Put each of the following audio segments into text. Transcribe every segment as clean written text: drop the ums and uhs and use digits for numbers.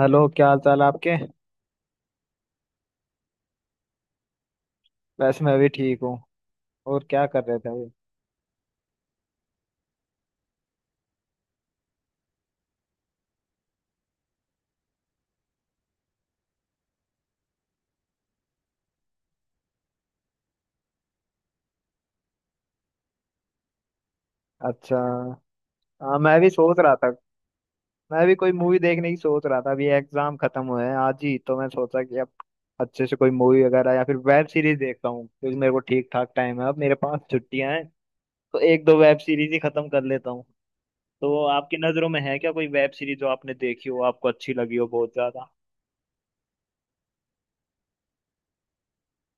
Hello, क्या हाल चाल है आपके। वैसे मैं भी ठीक हूँ। और क्या कर रहे थे अभी। अच्छा। हाँ, मैं भी सोच रहा था। मैं भी कोई मूवी देखने की सोच रहा था। अभी एग्जाम खत्म हुए हैं आज ही, तो मैं सोचा कि अब अच्छे से कोई मूवी वगैरह या फिर वेब सीरीज देखता हूँ, क्योंकि मेरे को ठीक ठाक टाइम है, अब मेरे पास छुट्टियां हैं। तो एक दो वेब सीरीज ही खत्म कर लेता हूँ। तो आपकी नज़रों में है क्या कोई वेब सीरीज, जो आपने देखी हो, आपको अच्छी लगी हो बहुत ज्यादा।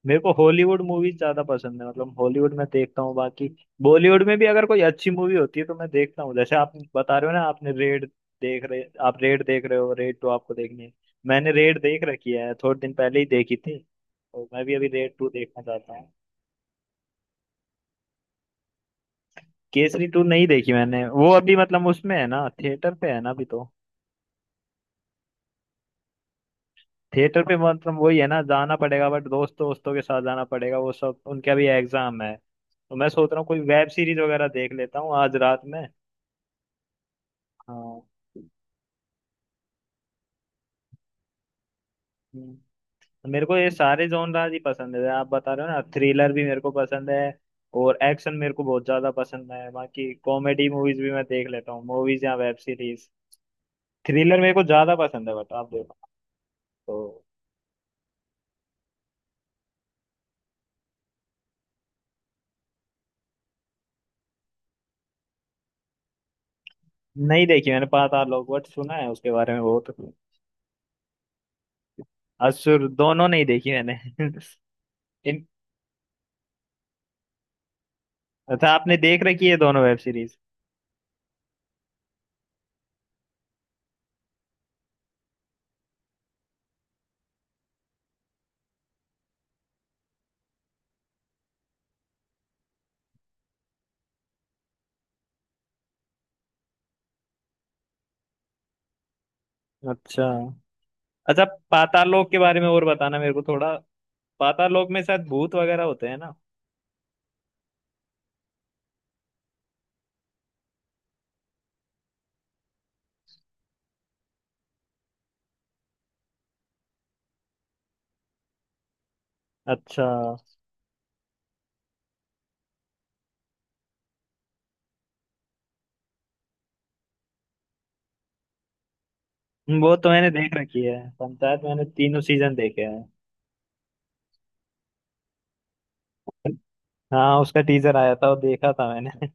मेरे को हॉलीवुड मूवीज ज्यादा पसंद है, मतलब हॉलीवुड में देखता हूँ। बाकी बॉलीवुड में भी अगर कोई अच्छी मूवी होती है तो मैं देखता हूँ। जैसे आप बता रहे हो ना, आपने रेड देख रहे, आप रेड देख रहे हो, रेड टू आपको देखनी है। मैंने रेड देख रखी है, थोड़े दिन पहले ही देखी थी। और मैं भी अभी रेड टू देखना चाहता हूँ। केसरी टू नहीं देखी मैंने। वो अभी मतलब उसमें है ना, थिएटर पे है ना अभी तो। थिएटर पे मतलब वही है ना, जाना पड़ेगा। बट दोस्त, दोस्तों के साथ जाना पड़ेगा, वो सब उनका भी एग्जाम है। तो मैं सोच रहा हूँ कोई वेब सीरीज वगैरह देख लेता हूँ आज रात में। हाँ। हम्म। मेरे को ये सारे जॉनराज ही पसंद है। आप बता रहे हो ना, थ्रिलर भी मेरे को पसंद है और एक्शन मेरे को बहुत ज्यादा पसंद है। बाकी कॉमेडी मूवीज भी मैं देख लेता हूँ, मूवीज या वेब सीरीज। थ्रिलर मेरे को ज्यादा पसंद है, बट आप देखो तो। नहीं देखी मैंने पाताल लोक, बट सुना है उसके बारे में बहुत। असुर दोनों नहीं देखी मैंने इन, अच्छा आपने देख रखी है दोनों वेब सीरीज। अच्छा, अच्छा। पाताल लोक के बारे में और बताना मेरे को थोड़ा। पाताल लोक में शायद भूत वगैरह होते हैं ना। अच्छा, वो तो मैंने देख रखी है पंचायत। मैंने तीनों सीजन देखे हैं। हाँ, उसका टीजर आया था, वो देखा था मैंने।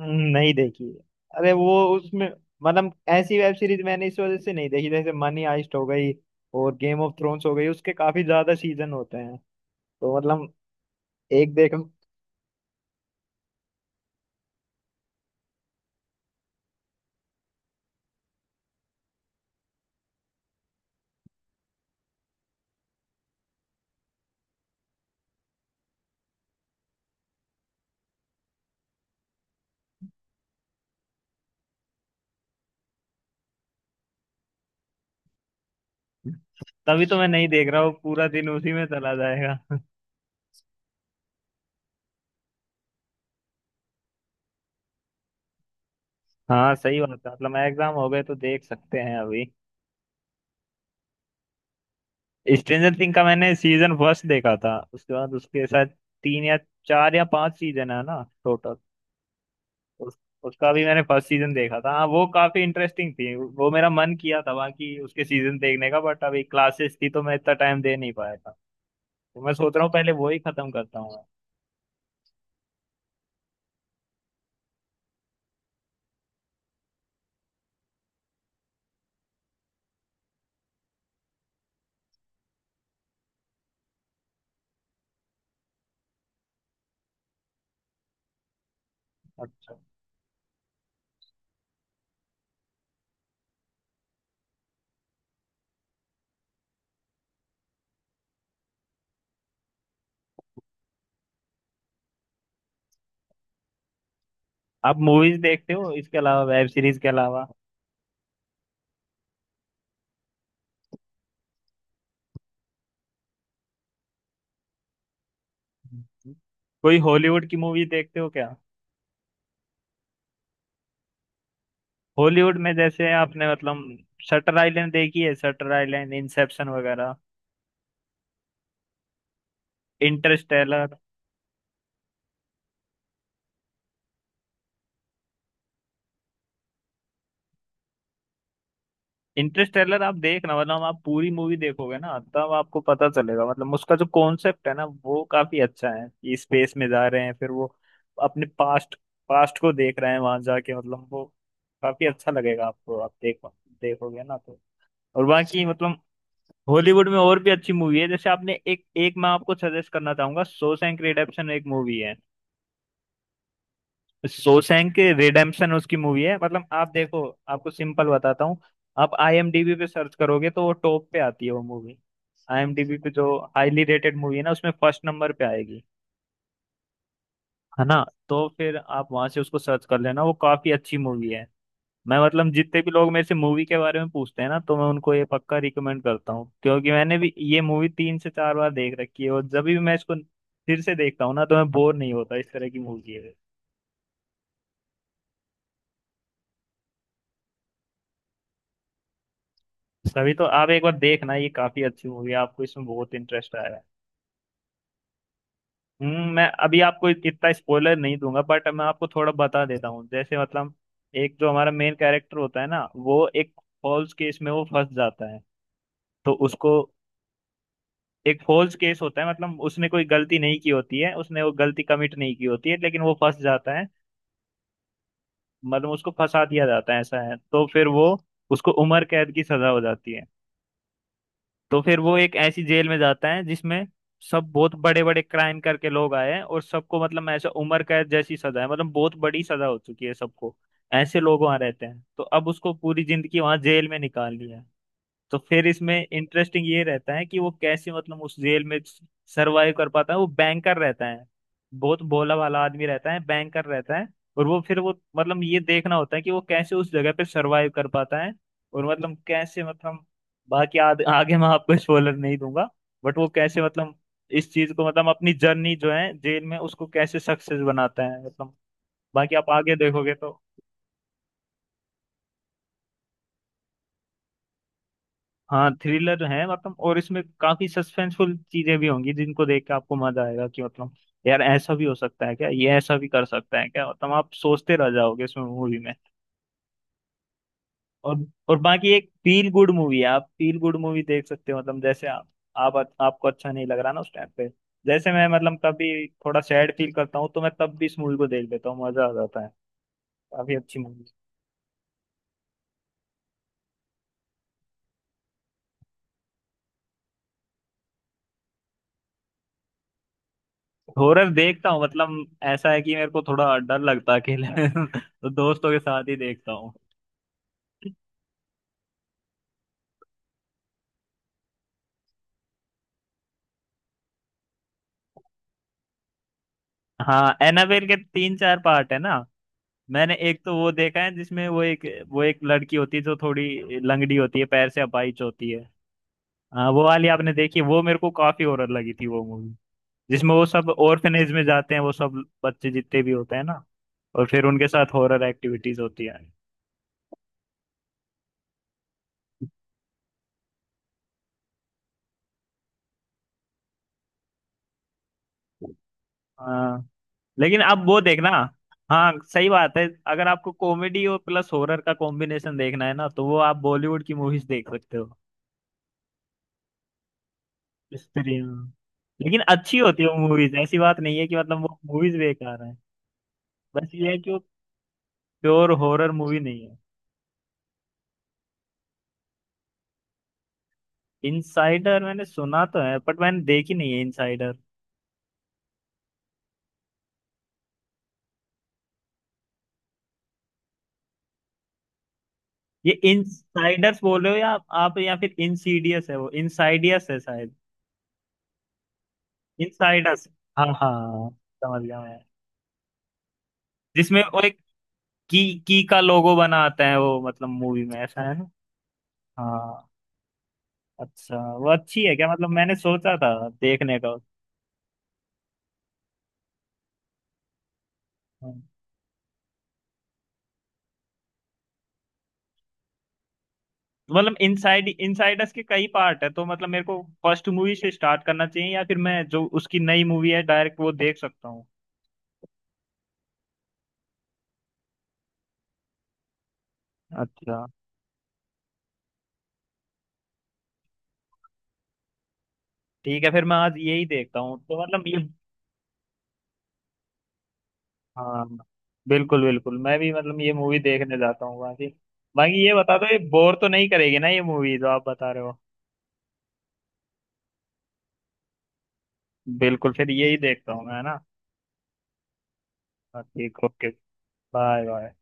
नहीं देखी। अरे वो उसमें, मतलब ऐसी वेब सीरीज मैंने इस वजह से नहीं देखी। जैसे मनी हाइस्ट हो गई और गेम ऑफ थ्रोन्स हो गई, उसके काफी ज्यादा सीजन होते हैं। तो मतलब एक देख, तभी तो मैं नहीं देख रहा हूँ, पूरा दिन उसी में चला जाएगा हाँ, सही बात है, मतलब एग्जाम हो गए तो देख सकते हैं अभी। स्ट्रेंजर थिंग का मैंने सीजन फर्स्ट देखा था। उसके बाद उसके साथ तीन या चार या पांच सीजन है ना टोटल। उस, उसका भी मैंने फर्स्ट सीजन देखा था। हाँ, वो काफी इंटरेस्टिंग थी। वो मेरा मन किया था बाकी उसके सीजन देखने का, बट अभी क्लासेस थी तो मैं इतना टाइम दे नहीं पाया था। तो मैं सोच रहा हूँ पहले वो ही खत्म करता हूँ मैं। अच्छा, आप मूवीज देखते हो इसके अलावा, वेब सीरीज के अलावा कोई हॉलीवुड की मूवी देखते हो क्या। हॉलीवुड में जैसे आपने मतलब शटर आइलैंड देखी है, शटर आइलैंड, इंसेप्शन वगैरह, इंटरस्टेलर। इंटरस्टेलर आप देखना, मतलब आप पूरी मूवी देखोगे ना, तब आपको पता चलेगा, मतलब उसका जो कॉन्सेप्ट है ना, वो काफी अच्छा है। कि स्पेस में जा रहे हैं, फिर वो अपने पास्ट पास्ट को देख रहे हैं वहां जाके, मतलब वो काफी अच्छा लगेगा आपको, आप देख, देखोगे ना तो। और बाकी मतलब हॉलीवुड में और भी अच्छी मूवी है। जैसे आपने, एक एक, मैं आपको सजेस्ट करना चाहूंगा, शॉशैंक रिडेम्पशन एक मूवी है। शोशैंक रिडेम्पशन उसकी मूवी है। मतलब आप देखो, आपको सिंपल बताता हूँ, आप आईएमडीबी पे सर्च करोगे तो वो टॉप पे आती है वो मूवी। आईएमडीबी पे जो हाईली रेटेड मूवी है ना, उसमें फर्स्ट नंबर पे आएगी, है ना। तो फिर आप वहां से उसको सर्च कर लेना, वो काफी अच्छी मूवी है। मैं मतलब जितने भी लोग मेरे से मूवी के बारे में पूछते हैं ना, तो मैं उनको ये पक्का रिकमेंड करता हूँ, क्योंकि मैंने भी ये मूवी तीन से चार बार देख रखी है। और जब भी मैं इसको फिर से देखता हूँ ना, तो मैं बोर नहीं होता, इस तरह की मूवी है। तभी तो आप एक बार देखना, ये काफी अच्छी मूवी है, आपको इसमें बहुत इंटरेस्ट आएगा। हम्म, मैं अभी आपको इतना स्पॉइलर नहीं दूंगा, बट मैं आपको थोड़ा बता देता हूँ। जैसे मतलब, एक जो हमारा मेन कैरेक्टर होता है ना, वो एक फॉल्स केस में वो फंस जाता है। तो उसको, एक फॉल्स केस होता है, मतलब उसने कोई गलती नहीं की होती है, उसने वो गलती कमिट नहीं की होती है, लेकिन वो फंस जाता है। मतलब उसको फंसा दिया जाता है, ऐसा है। तो फिर वो, उसको उम्र कैद की सजा हो जाती है। तो फिर वो एक ऐसी जेल में जाता है जिसमें सब बहुत बड़े बड़े क्राइम करके लोग आए हैं। और सबको मतलब ऐसे उम्र कैद जैसी सजा है, मतलब बहुत बड़ी सजा हो चुकी है सबको, ऐसे लोग वहां रहते हैं। तो अब उसको पूरी जिंदगी वहां जेल में निकालनी है। तो फिर इसमें इंटरेस्टिंग ये रहता है कि वो कैसे मतलब उस जेल में सरवाइव कर पाता है। वो बैंकर रहता है, बहुत भोला भाला आदमी रहता है, बैंकर रहता है। और वो फिर वो मतलब ये देखना होता है कि वो कैसे उस जगह पे सरवाइव कर पाता है। और मतलब कैसे मतलब, बाकी आगे मैं आपको स्पॉइलर नहीं दूंगा। बट वो कैसे मतलब इस चीज को, मतलब अपनी जर्नी जो है जेल में, उसको कैसे सक्सेस बनाता है, मतलब बाकी आप आगे देखोगे तो। हाँ थ्रिलर है, मतलब और इसमें काफी सस्पेंसफुल चीजें भी होंगी जिनको देख के आपको मजा आएगा। कि मतलब, यार ऐसा भी हो सकता है क्या, ये ऐसा भी कर सकता है क्या, मतलब आप सोचते रह जाओगे इसमें, मूवी में। और बाकी, एक फील गुड मूवी है, आप फील गुड मूवी देख सकते हो, मतलब जैसे आप, आपको अच्छा नहीं लग रहा ना उस टाइम पे, जैसे मैं मतलब कभी थोड़ा सैड फील करता हूँ तो मैं तब भी इस मूवी को देख लेता हूँ, मजा आ जाता है, काफी अच्छी मूवी। हॉरर देखता हूँ मतलब, ऐसा है कि मेरे को थोड़ा डर लगता है अकेले तो दोस्तों के साथ ही देखता हूँ। हाँ, एनाबेल के तीन चार पार्ट है ना। मैंने एक तो वो देखा है जिसमें वो एक, वो एक लड़की होती है जो थोड़ी लंगड़ी होती है, पैर से अपाहिज होती है। हाँ, वो वाली आपने देखी, वो मेरे को काफी हॉरर लगी थी वो मूवी। जिसमें वो सब ऑर्फनेज में जाते हैं, वो सब बच्चे जितने भी होते हैं ना, और फिर उनके साथ हॉरर एक्टिविटीज होती है। हाँ, लेकिन अब वो देखना। हाँ सही बात है, अगर आपको कॉमेडी और प्लस हॉरर का कॉम्बिनेशन देखना है ना, तो वो आप बॉलीवुड की मूवीज देख सकते हो। स्त्रियां, लेकिन अच्छी होती है वो मूवीज, ऐसी बात नहीं है कि मतलब वो मूवीज बेकार हैं। बस ये है कि वो प्योर हॉरर मूवी नहीं है। इनसाइडर मैंने सुना तो है, बट मैंने देखी नहीं है इनसाइडर। ये इनसाइडर्स बोल रहे हो या आप या फिर इनसीडियस है, वो इनसाइडियस है शायद। इनसाइडर्स, हाँ हाँ, समझ गया मैं। जिसमें वो एक, की की का लोगो बनाते हैं, वो मतलब मूवी में ऐसा है ना। हाँ, अच्छा वो अच्छी है क्या, मतलब मैंने सोचा था देखने का। मतलब इनसाइड, इनसाइडर्स के कई पार्ट है, तो मतलब मेरे को फर्स्ट मूवी से स्टार्ट करना चाहिए या फिर मैं जो उसकी नई मूवी है डायरेक्ट वो देख सकता हूँ। अच्छा ठीक है, फिर मैं आज यही देखता हूँ तो, मतलब ये। हाँ, बिल्कुल बिल्कुल, मैं भी मतलब ये मूवी देखने जाता हूँ, बाकी। बाकी ये बता दो, ये बोर तो नहीं करेगी ना ये मूवी जो आप बता रहे हो। बिल्कुल, फिर यही देखता हूँ मैं, है ना। हाँ, ठीक, ओके। Bye bye.